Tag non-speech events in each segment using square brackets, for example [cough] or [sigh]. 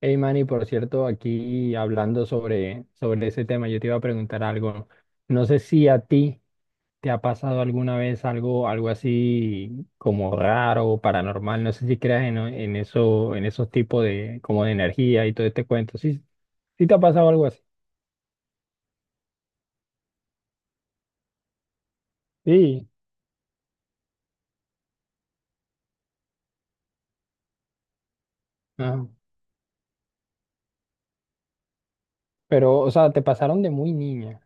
Hey Manny, por cierto, aquí hablando sobre ese tema, yo te iba a preguntar algo. No sé si a ti te ha pasado alguna vez algo así como raro o paranormal. No sé si creas en eso, en esos tipos de, como de energía y todo este cuento. Sí, sí te ha pasado algo así. Sí, ajá. Pero, o sea, te pasaron de muy niña.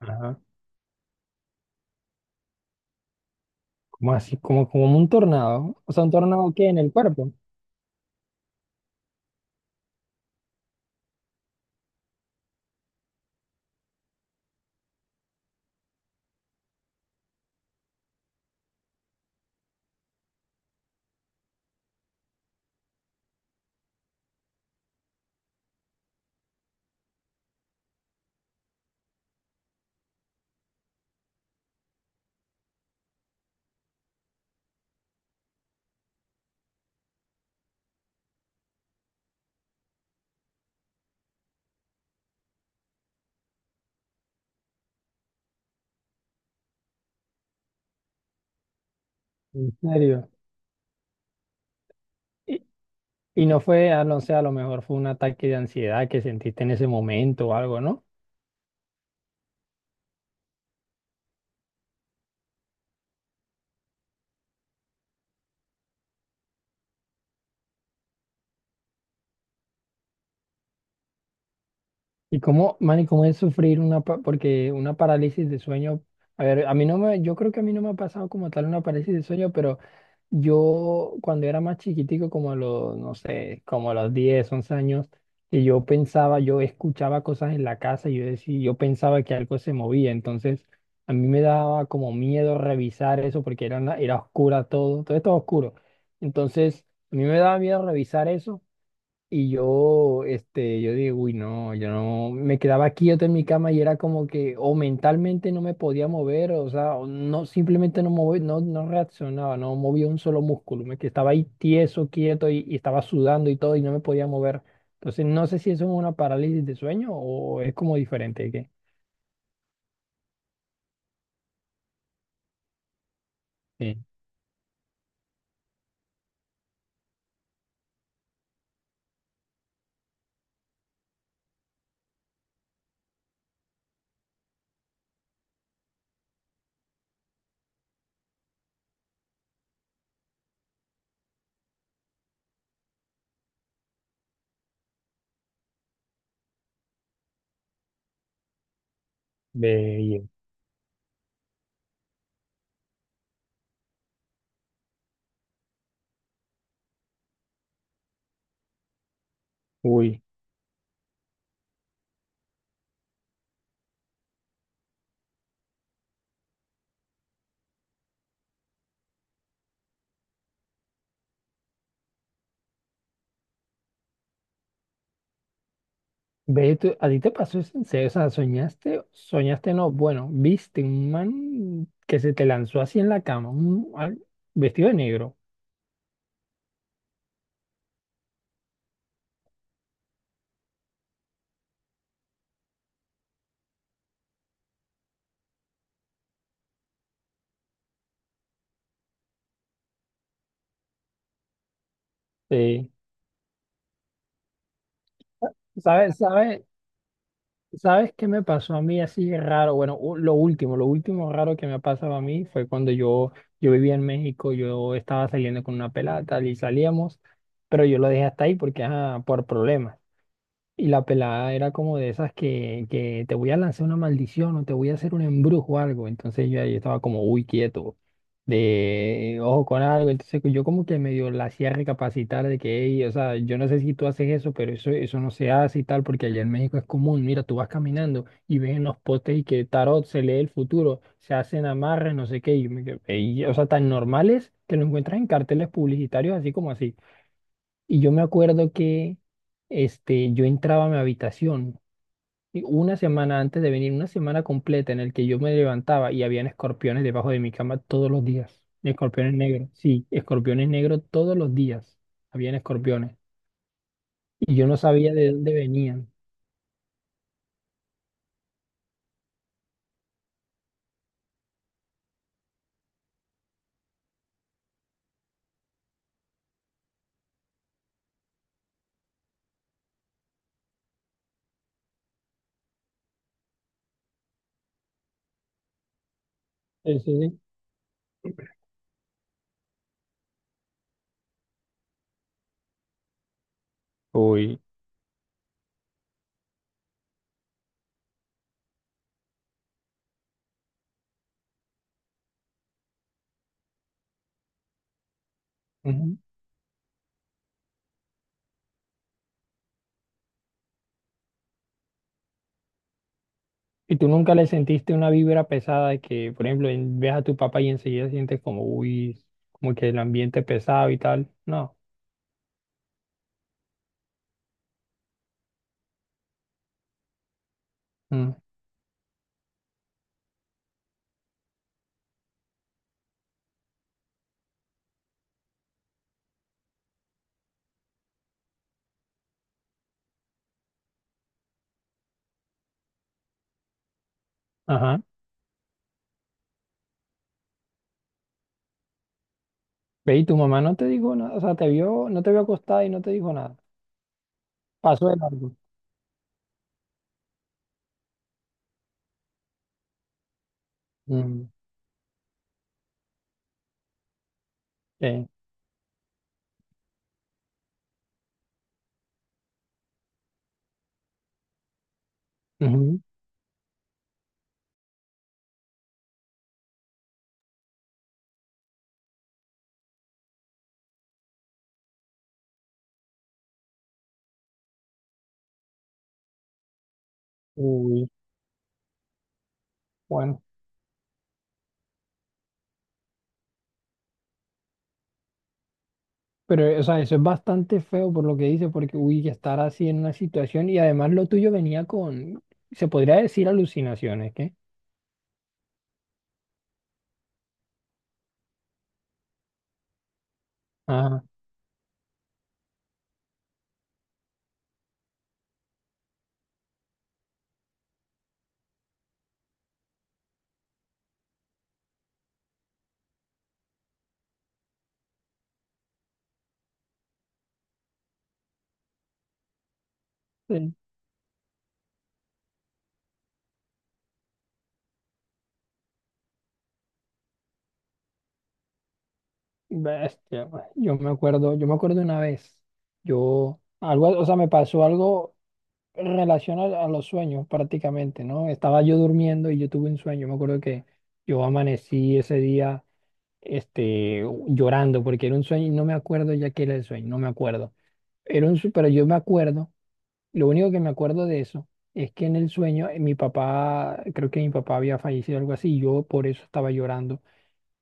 Ajá. Como así? Como un tornado. O sea, un tornado que en el cuerpo. ¿En serio? Y no fue, ah, no sé, a lo mejor fue un ataque de ansiedad que sentiste en ese momento o algo, ¿no? Y cómo, man, y cómo es sufrir una, porque una parálisis de sueño, a ver, a mí no me, yo creo que a mí no me ha pasado como tal una parálisis de sueño, pero yo cuando era más chiquitico, como a los, no sé, como a los 10, 11 años, y yo pensaba, yo escuchaba cosas en la casa y yo decía, yo pensaba que algo se movía. Entonces a mí me daba como miedo revisar eso porque era, era oscura todo, todo estaba oscuro. Entonces, a mí me daba miedo revisar eso y yo, este, yo digo, uy, no, yo no, me quedaba quieto en mi cama y era como que o mentalmente no me podía mover, o sea, o no, simplemente no moví, no, no reaccionaba, no movía un solo músculo, me que estaba ahí tieso, quieto y estaba sudando y todo y no me podía mover. Entonces, no sé si eso es una parálisis de sueño o es como diferente, ¿qué? Sí, ve bien. Uy. Ve, ¿a ti te pasó eso en serio? O sea, soñaste, soñaste no, bueno, viste un man que se te lanzó así en la cama, un, vestido de negro. Sí. ¿Sabes, sabes, sabes qué me pasó a mí así raro? Bueno, lo último raro que me ha pasado a mí fue cuando yo vivía en México. Yo estaba saliendo con una pelada tal, y salíamos, pero yo lo dejé hasta ahí porque, ajá, por problemas. Y la pelada era como de esas que te voy a lanzar una maldición o te voy a hacer un embrujo o algo. Entonces yo ahí estaba como, uy, quieto, de ojo con algo. Entonces yo como que medio la hacía recapacitar de que: "Ey, o sea, yo no sé si tú haces eso, pero eso no se hace y tal, porque allá en México es común". Mira, tú vas caminando y ves en los postes y que tarot, se lee el futuro, se hacen amarres, no sé qué. Y yo me quedé: "Ey", o sea, tan normales que lo encuentras en carteles publicitarios así como así. Y yo me acuerdo que este, yo entraba a mi habitación y una semana antes de venir, una semana completa en el que yo me levantaba y habían escorpiones debajo de mi cama todos los días. Escorpiones negros, sí, escorpiones negros todos los días. Habían escorpiones. Y yo no sabía de dónde venían. Sí, sí, sí. Uy. Ujú. Y tú nunca le sentiste una vibra pesada de que, por ejemplo, ves a tu papá y enseguida sientes como, uy, como que el ambiente pesado y tal. No. Mm. Ajá. Ve, y tu mamá no te dijo nada, o sea, te vio, no te vio acostada y no te dijo nada. Pasó de largo. Mm, eh, ujú. Uy, bueno. Pero, o sea, eso es bastante feo por lo que dice, porque, uy, que estar así en una situación y además lo tuyo venía con, se podría decir, alucinaciones, ¿qué? Ajá. Sí. Bestia, güey. Yo me acuerdo una vez, yo, algo, o sea, me pasó algo en relación a los sueños prácticamente, ¿no? Estaba yo durmiendo y yo tuve un sueño. Me acuerdo que yo amanecí ese día este, llorando porque era un sueño y no me acuerdo ya qué era el sueño, no me acuerdo. Era un, pero yo me acuerdo, lo único que me acuerdo de eso es que en el sueño mi papá, creo que mi papá había fallecido algo así y yo por eso estaba llorando,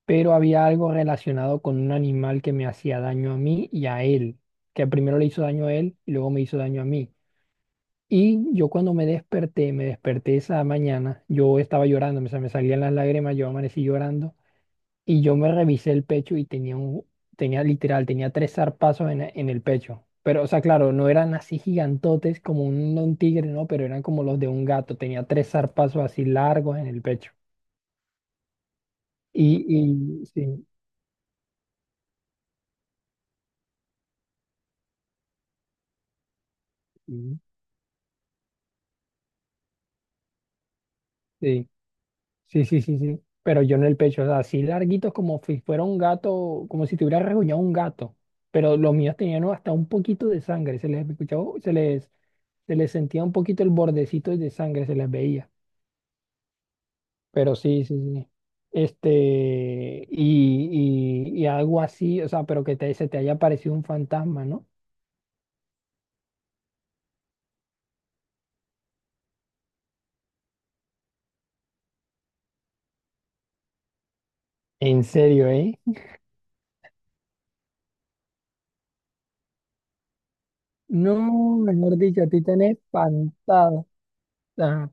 pero había algo relacionado con un animal que me hacía daño a mí y a él, que primero le hizo daño a él y luego me hizo daño a mí. Y yo cuando me desperté esa mañana, yo estaba llorando, me, me salían las lágrimas, yo amanecí llorando y yo me revisé el pecho y tenía un, tenía literal, tenía tres zarpazos en el pecho. Pero, o sea, claro, no eran así gigantotes como un tigre, ¿no? Pero eran como los de un gato, tenía tres zarpazos así largos en el pecho. Y sí, sí, sí. Sí, sí, sí, sí. Pero yo en el pecho, o sea, así larguitos como si fuera un gato, como si tuviera rasguñado un gato. Pero los míos tenían hasta un poquito de sangre, se les escuchaba, se les sentía un poquito el bordecito de sangre, se les veía. Pero sí, sí, sí. Este, y algo así, o sea, pero que te, se te haya parecido un fantasma, ¿no? ¿En serio, eh? No, mejor dicho, a ti te han espantado. Ah,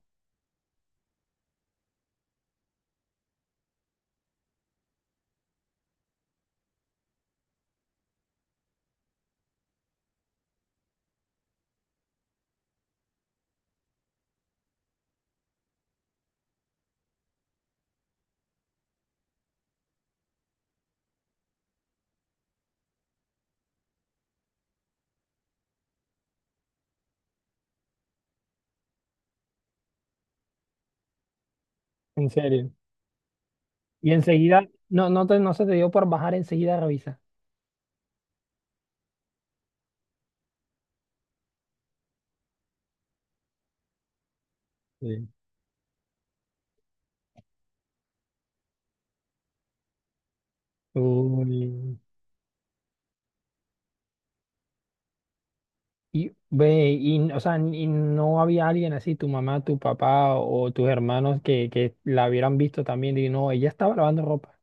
¿en serio? Y enseguida, no, no, te, no se te dio por bajar enseguida a revisar. Sí. Uy. Y ve, y, o sea, y no había alguien así, tu mamá, tu papá o tus hermanos que la hubieran visto también y no, ella estaba lavando ropa.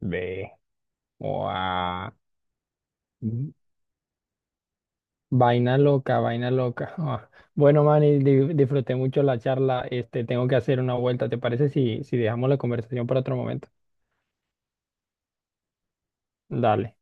Ve, guau. Mm. Vaina loca, vaina loca. [laughs] Ah. Bueno, Manny, disfruté mucho la charla. Este, tengo que hacer una vuelta. ¿Te parece si, si dejamos la conversación para otro momento? Dale.